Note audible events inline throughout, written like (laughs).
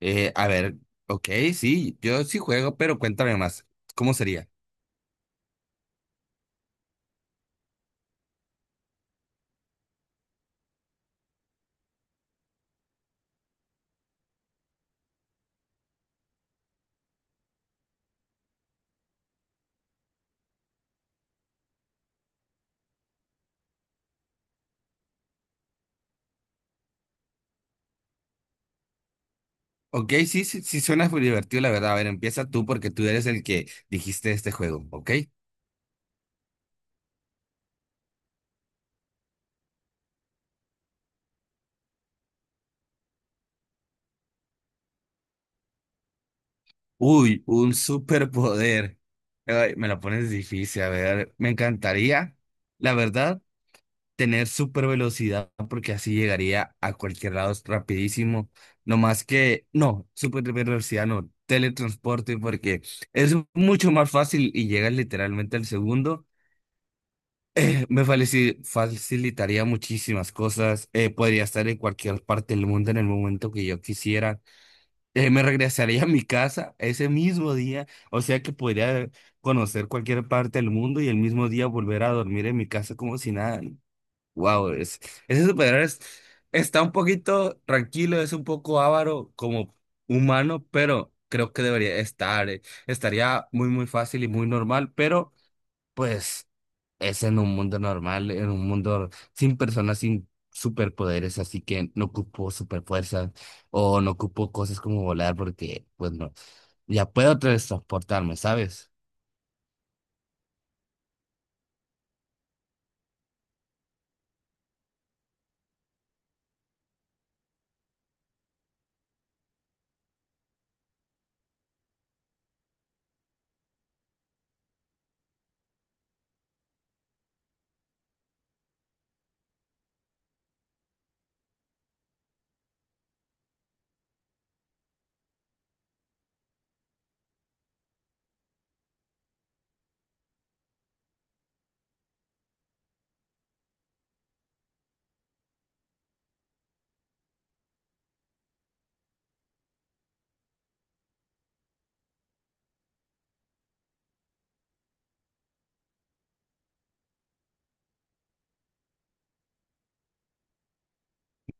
Eh, a ver, ok, sí, yo sí juego, pero cuéntame más. ¿Cómo sería? Ok, sí, sí, sí suena muy divertido, la verdad. A ver, empieza tú porque tú eres el que dijiste este juego, ¿ok? Uy, un superpoder. Ay, me lo pones difícil, a ver, me encantaría, la verdad, tener super velocidad porque así llegaría a cualquier lado rapidísimo. No más que, no, super velocidad no, teletransporte porque es mucho más fácil y llegas literalmente al segundo. Facilitaría muchísimas cosas. Podría estar en cualquier parte del mundo en el momento que yo quisiera. Me regresaría a mi casa ese mismo día. O sea que podría conocer cualquier parte del mundo y el mismo día volver a dormir en mi casa como si nada. Wow, es, ese superhéroe es- está un poquito tranquilo, es un poco avaro como humano, pero creo que debería estar. Estaría muy, muy fácil y muy normal, pero. Pues es en un mundo normal, en un mundo sin personas, sin superpoderes, así que no ocupo superfuerzas o no ocupo cosas como volar porque, pues no, ya puedo transportarme, ¿sabes?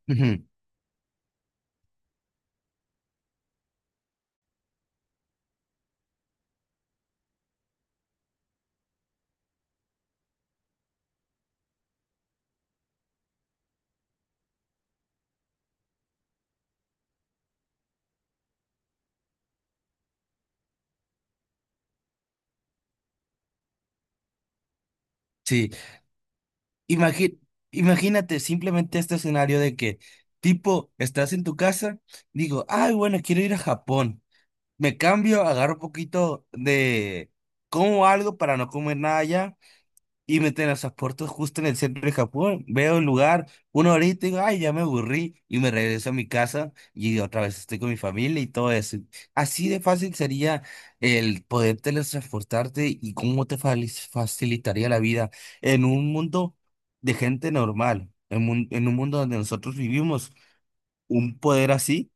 Ujú. Sí. Imagi- Imagínate simplemente este escenario de que, tipo, estás en tu casa, digo, ay, bueno, quiero ir a Japón. Me cambio, agarro un poquito de, como algo para no comer nada allá y me teletransporto justo en el centro de Japón. Veo el lugar, una horita y digo, ay, ya me aburrí. Y me regreso a mi casa y otra vez estoy con mi familia y todo eso. Así de fácil sería el poder teletransportarte y cómo facilitaría la vida en un mundo de gente normal, en un mundo donde nosotros vivimos. Un poder así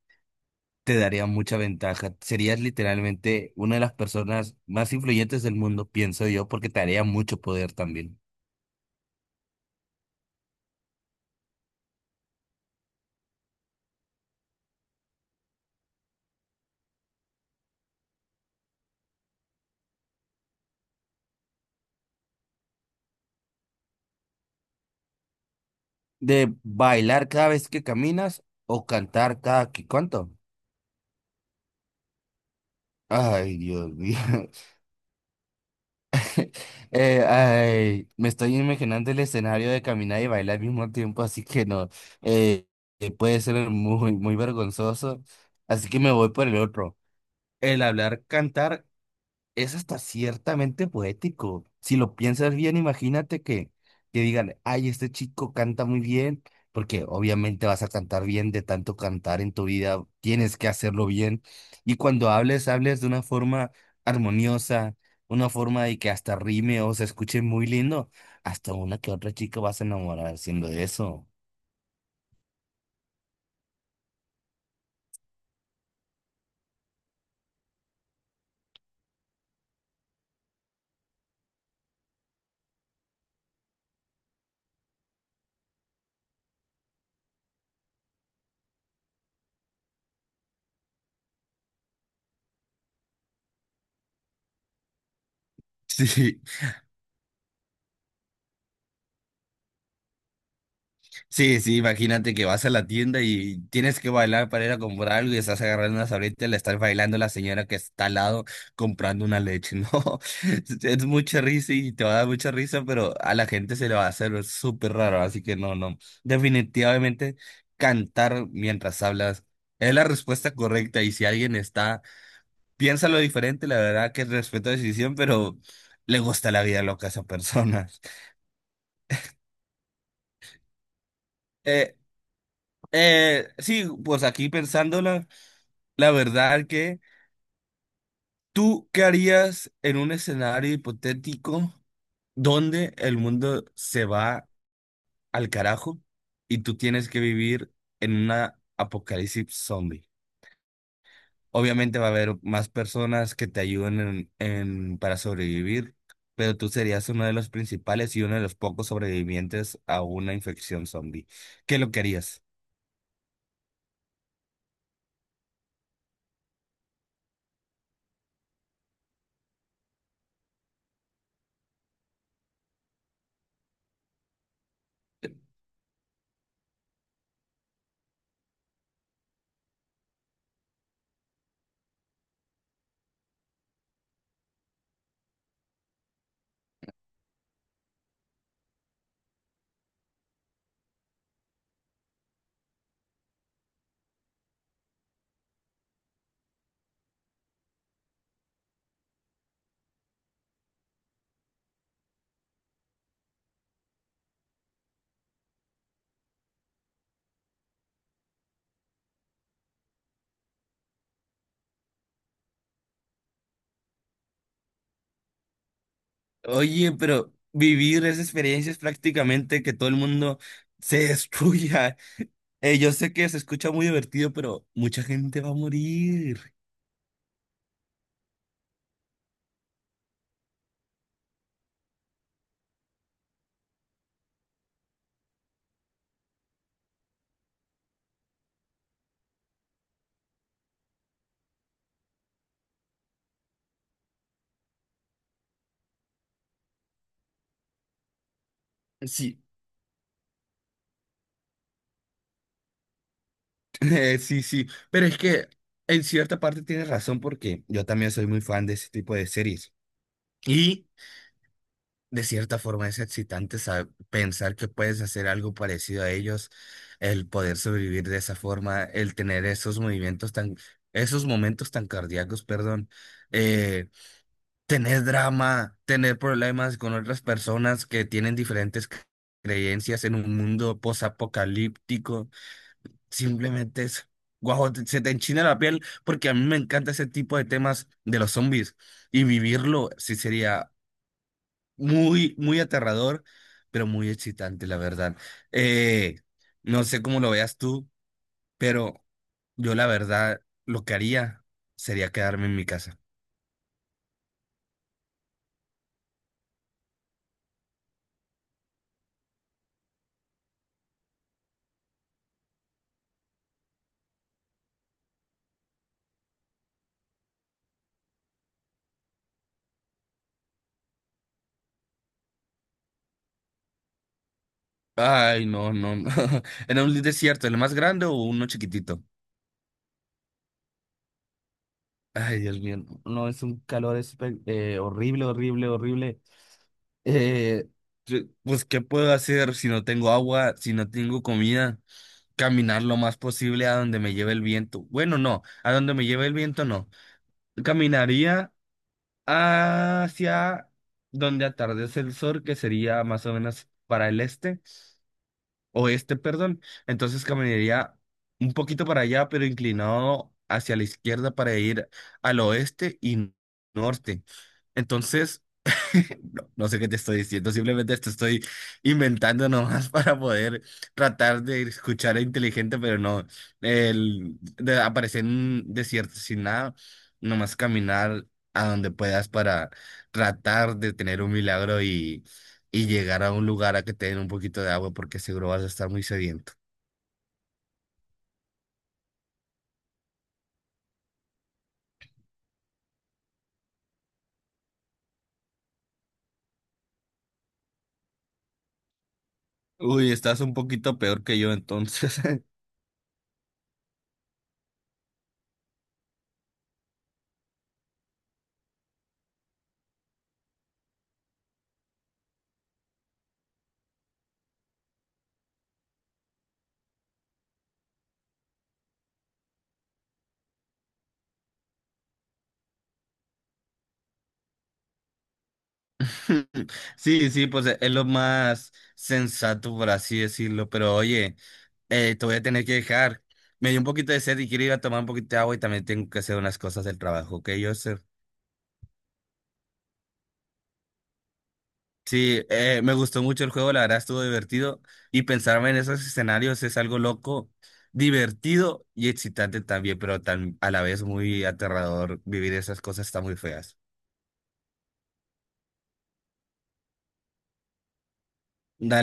te daría mucha ventaja. Serías literalmente una de las personas más influyentes del mundo, pienso yo, porque te daría mucho poder también. ¿De bailar cada vez que caminas o cantar cada que cuánto? Ay, Dios mío. (laughs) Ay, me estoy imaginando el escenario de caminar y bailar al mismo tiempo, así que no. Eh, Puede ser muy, muy vergonzoso. Así que me voy por el otro. El hablar, cantar es hasta ciertamente poético. Si lo piensas bien, imagínate que digan, ay, este chico canta muy bien, porque obviamente vas a cantar bien de tanto cantar en tu vida, tienes que hacerlo bien. Y cuando hables, hables de una forma armoniosa, una forma de que hasta rime o se escuche muy lindo. Hasta una que otra chica vas a enamorar haciendo eso. (laughs) Sí. Sí, sí, imagínate que vas a la tienda y tienes que bailar para ir a comprar algo y estás agarrando una sabrita y le estás bailando a la señora que está al lado comprando una leche. (laughs) No, es mucha risa y te va a dar mucha risa, pero a la gente se le va a hacer súper raro, así que no, no. Definitivamente cantar mientras hablas es la respuesta correcta y si alguien está, piensa lo diferente, la verdad que respeto la decisión, pero le gusta la vida loca a esa persona. (laughs) Eh, sí, pues aquí pensándola. La verdad que tú, ¿qué harías en un escenario hipotético donde el mundo se va al carajo y tú tienes que vivir en una apocalipsis zombie? Obviamente va a haber más personas que te ayuden para sobrevivir, pero tú serías uno de los principales y uno de los pocos sobrevivientes a una infección zombie. ¿Qué es lo que harías? Oye, pero vivir esa experiencia es prácticamente que todo el mundo se (laughs) destruya. Yo sé que se escucha muy divertido, pero mucha gente va a morir. Sí. (laughs) Sí, sí, pero es que en cierta parte tienes razón porque yo también soy muy fan de ese tipo de series. Y de cierta forma es excitante pensar que puedes hacer algo parecido a ellos, el poder sobrevivir de esa forma, el tener esos movimientos tan, esos momentos tan cardíacos, perdón. Tener drama, tener problemas con otras personas que tienen diferentes creencias en un mundo posapocalíptico, simplemente es, guau, se te enchina la piel porque a mí me encanta ese tipo de temas de los zombies y vivirlo sí sería muy, muy aterrador, pero muy excitante, la verdad. Eh, no sé cómo lo veas tú, pero yo la verdad lo que haría sería quedarme en mi casa. Ay, no, no, no. (laughs) ¿Era un desierto, el más grande o uno chiquitito? Ay, Dios mío. No, no, es un calor horrible, horrible, horrible. Eh, pues, ¿qué puedo hacer si no tengo agua, si no tengo comida? Caminar lo más posible a donde me lleve el viento. Bueno, no, a donde me lleve el viento no. Caminaría hacia donde atardece el sol, que sería más o menos para el este. Oeste, perdón. Entonces caminaría un poquito para allá, pero inclinado hacia la izquierda para ir al oeste y norte. Entonces… (laughs) No, no sé qué te estoy diciendo, simplemente te estoy inventando nomás (laughs) para poder tratar de escuchar inteligente, pero no, de aparecer en un desierto sin nada, nomás caminar a donde puedas para tratar de tener un milagro y llegar a un lugar a que te den un poquito de agua porque seguro vas a estar muy sediento. Uy, estás un poquito peor que yo entonces. (laughs) (laughs) Sí, sí, pues es lo más sensato, por así decirlo. Pero oye, te voy a tener que dejar. Me dio un poquito de sed y quiero ir a tomar un poquito de agua y también tengo que hacer unas cosas del trabajo, ¿ok, Joseph? Sí, me gustó mucho el juego, la verdad estuvo divertido y pensarme en esos escenarios es algo loco, divertido y excitante también, pero tan, a la vez muy aterrador. Vivir esas cosas está muy feas. Dale.